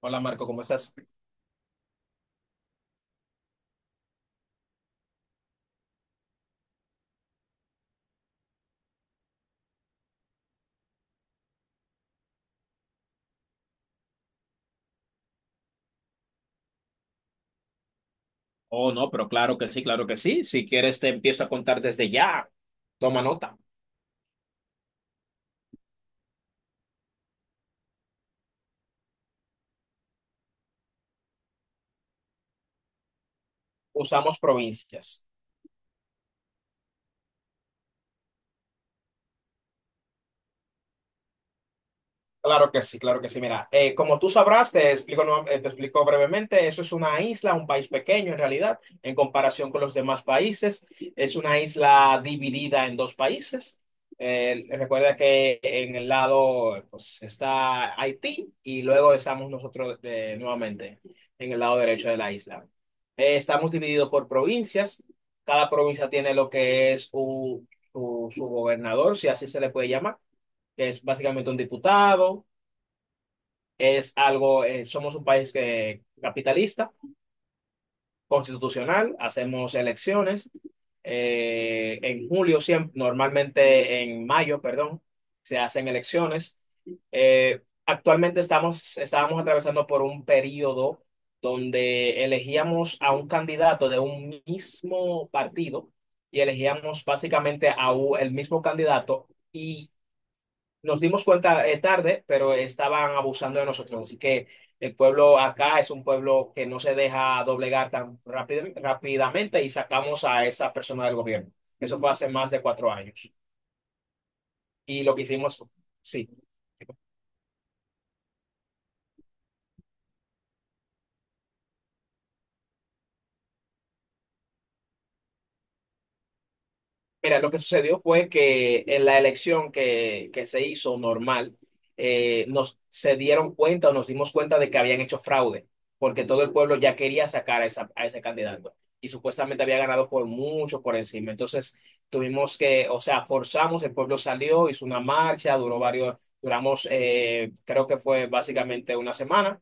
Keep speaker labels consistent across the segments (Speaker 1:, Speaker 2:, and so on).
Speaker 1: Hola Marco, ¿cómo estás? Oh, no, pero claro que sí, claro que sí. Si quieres, te empiezo a contar desde ya. Toma nota. Usamos provincias. Claro que sí, claro que sí. Mira, como tú sabrás, te explico, te explico brevemente, eso es una isla, un país pequeño en realidad, en comparación con los demás países. Es una isla dividida en dos países. Recuerda que en el lado pues, está Haití y luego estamos nosotros nuevamente en el lado derecho de la isla. Estamos divididos por provincias. Cada provincia tiene lo que es su gobernador, si así se le puede llamar, que es básicamente un diputado es algo, somos un país capitalista, constitucional, hacemos elecciones. En julio siempre, normalmente en mayo, perdón, se hacen elecciones. Eh, Estábamos atravesando por un periodo donde elegíamos a un candidato de un mismo partido y elegíamos básicamente a el mismo candidato. Y nos dimos cuenta tarde, pero estaban abusando de nosotros. Así que el pueblo acá es un pueblo que no se deja doblegar tan rápidamente y sacamos a esa persona del gobierno. Eso fue hace más de 4 años. Y lo que hicimos, sí. Mira, lo que sucedió fue que en la elección que se hizo normal, nos se dieron cuenta o nos dimos cuenta de que habían hecho fraude, porque todo el pueblo ya quería sacar a ese candidato y supuestamente había ganado por mucho por encima. Entonces tuvimos que, o sea, forzamos, el pueblo salió, hizo una marcha, duramos, creo que fue básicamente una semana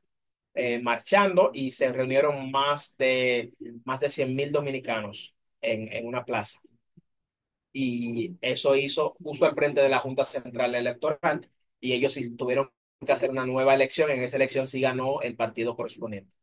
Speaker 1: marchando y se reunieron más de 100.000 dominicanos en una plaza y eso hizo justo al frente de la Junta Central Electoral y ellos sí tuvieron que hacer una nueva elección. En esa elección sí ganó el partido correspondiente.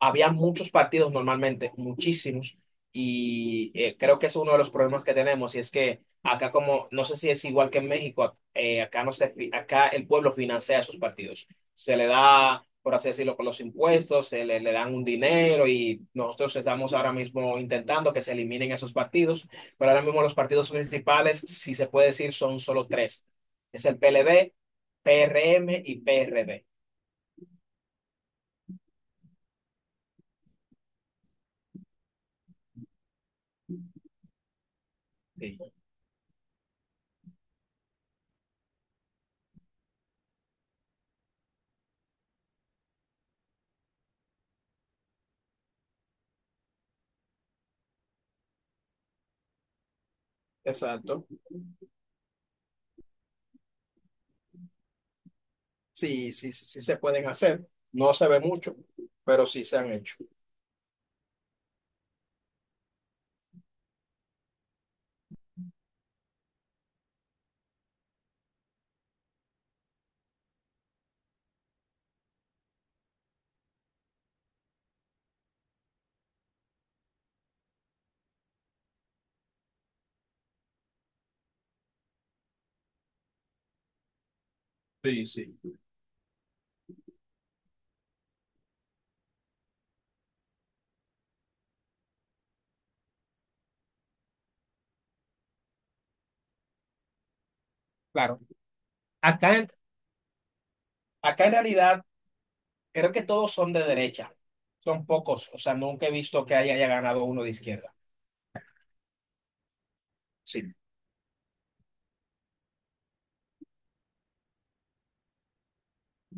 Speaker 1: Había muchos partidos normalmente, muchísimos, y creo que es uno de los problemas que tenemos, y es que acá como, no sé si es igual que en México, acá no acá el pueblo financia esos partidos, se le da, por así decirlo, con los impuestos, le dan un dinero, y nosotros estamos ahora mismo intentando que se eliminen esos partidos, pero ahora mismo los partidos principales, si se puede decir, son solo tres, es el PLD, PRM y PRD. Sí. Exacto. Sí, sí, sí, sí se pueden hacer. No se ve mucho, pero sí se han hecho. Sí, sí. Claro. Acá en, Acá en realidad creo que todos son de derecha. Son pocos. O sea, nunca he visto que haya, haya ganado uno de izquierda. Sí,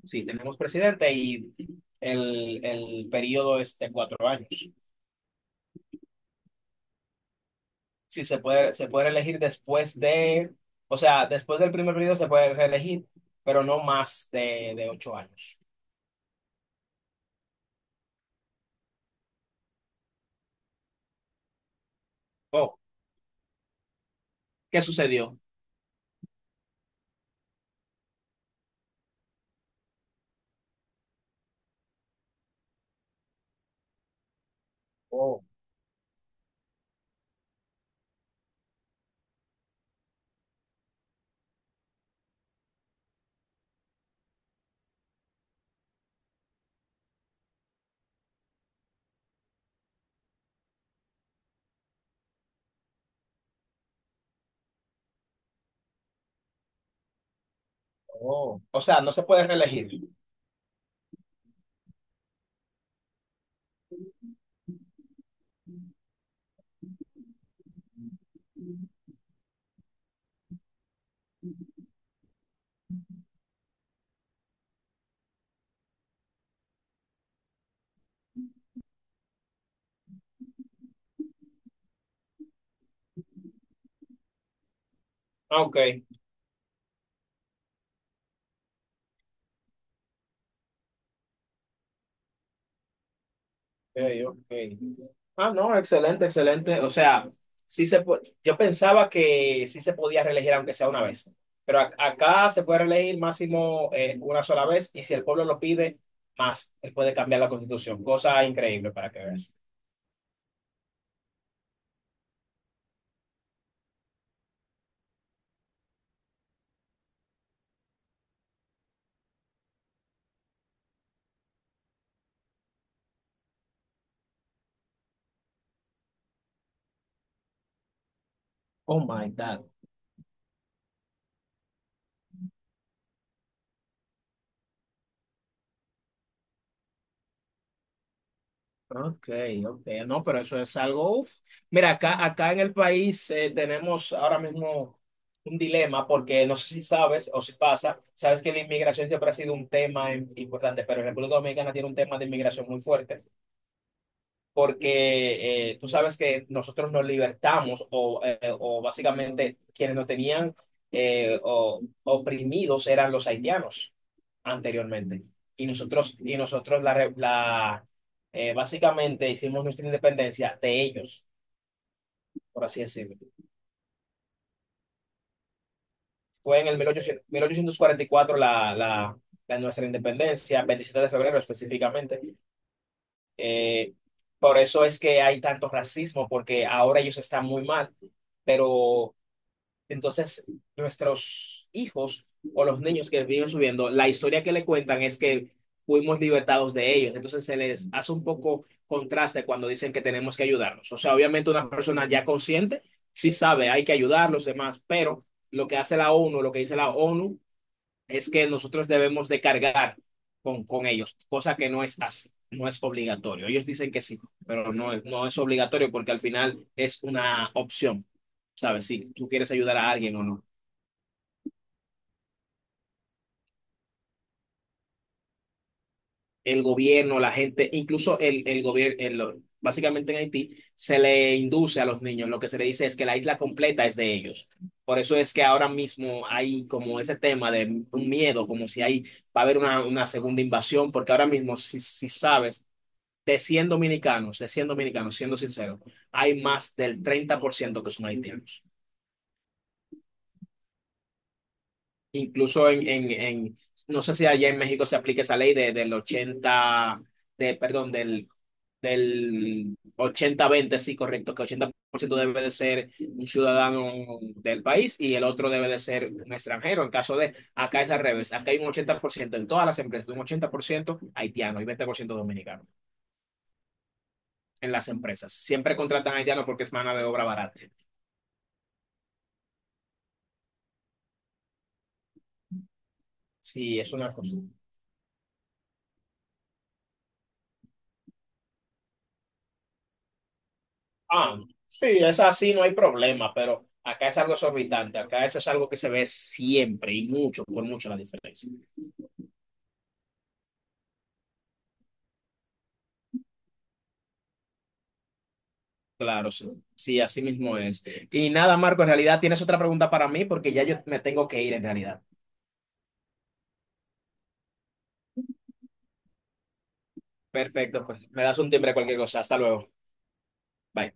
Speaker 1: sí, tenemos presidente y el periodo es de 4 años. Sí, se puede elegir después de, o sea, después del primer periodo se puede reelegir, pero no más de 8 años. Oh, ¿qué sucedió? Oh, oh. O sea, no se puede reelegir. Ah, ok, ok, ok. Ah, no, excelente, excelente. O sea, sí se po- yo pensaba que sí se podía reelegir aunque sea una vez, pero acá se puede reelegir máximo una sola vez y si el pueblo lo pide, más, él puede cambiar la constitución. Cosa increíble para que veas. Oh my God. Ok, ok, no, pero eso es algo. Uf. Mira, acá en el país tenemos ahora mismo un dilema, porque no sé si sabes o si pasa, sabes que la inmigración siempre ha sido un tema importante, pero República Dominicana tiene un tema de inmigración muy fuerte porque tú sabes que nosotros nos libertamos o básicamente quienes nos tenían oprimidos eran los haitianos anteriormente. Y nosotros básicamente hicimos nuestra independencia de ellos, por así decirlo. Fue en el 1800 1844 la nuestra independencia, 27 de febrero específicamente. Eh, por eso es que hay tanto racismo, porque ahora ellos están muy mal, pero entonces, nuestros hijos o los niños que viven subiendo, la historia que le cuentan es que fuimos libertados de ellos. Entonces, se les hace un poco contraste cuando dicen que tenemos que ayudarlos. O sea, obviamente una persona ya consciente sí sabe, hay que ayudar a los demás, pero lo que dice la ONU, es que nosotros debemos de cargar con ellos, cosa que no es así. No es obligatorio. Ellos dicen que sí, pero no, no es obligatorio porque al final es una opción, ¿sabes? Si tú quieres ayudar a alguien o no. El gobierno, la gente, incluso el gobierno, básicamente en Haití, se le induce a los niños, lo que se le dice es que la isla completa es de ellos. Por eso es que ahora mismo hay como ese tema de un miedo, como si hay, va a haber una segunda invasión, porque ahora mismo, si, si sabes, de 100 dominicanos, siendo sincero, hay más del 30% que son haitianos. Incluso no sé si allá en México se aplica esa ley de, del 80 del del ochenta veinte sí, correcto, que 80% debe de ser un ciudadano del país y el otro debe de ser un extranjero. En caso de, acá es al revés, acá hay un 80% en todas las empresas, un 80% haitiano y 20% dominicano en las empresas. Siempre contratan haitianos porque es mano de obra barata. Sí, es una cosa. Ah, sí, es así, no hay problema, pero acá es algo exorbitante, acá eso es algo que se ve siempre y mucho, por mucho la diferencia. Claro, sí, sí, así mismo es. Y nada, Marco, en realidad tienes otra pregunta para mí porque ya yo me tengo que ir en realidad. Perfecto, pues me das un timbre cualquier cosa. Hasta luego. Bye.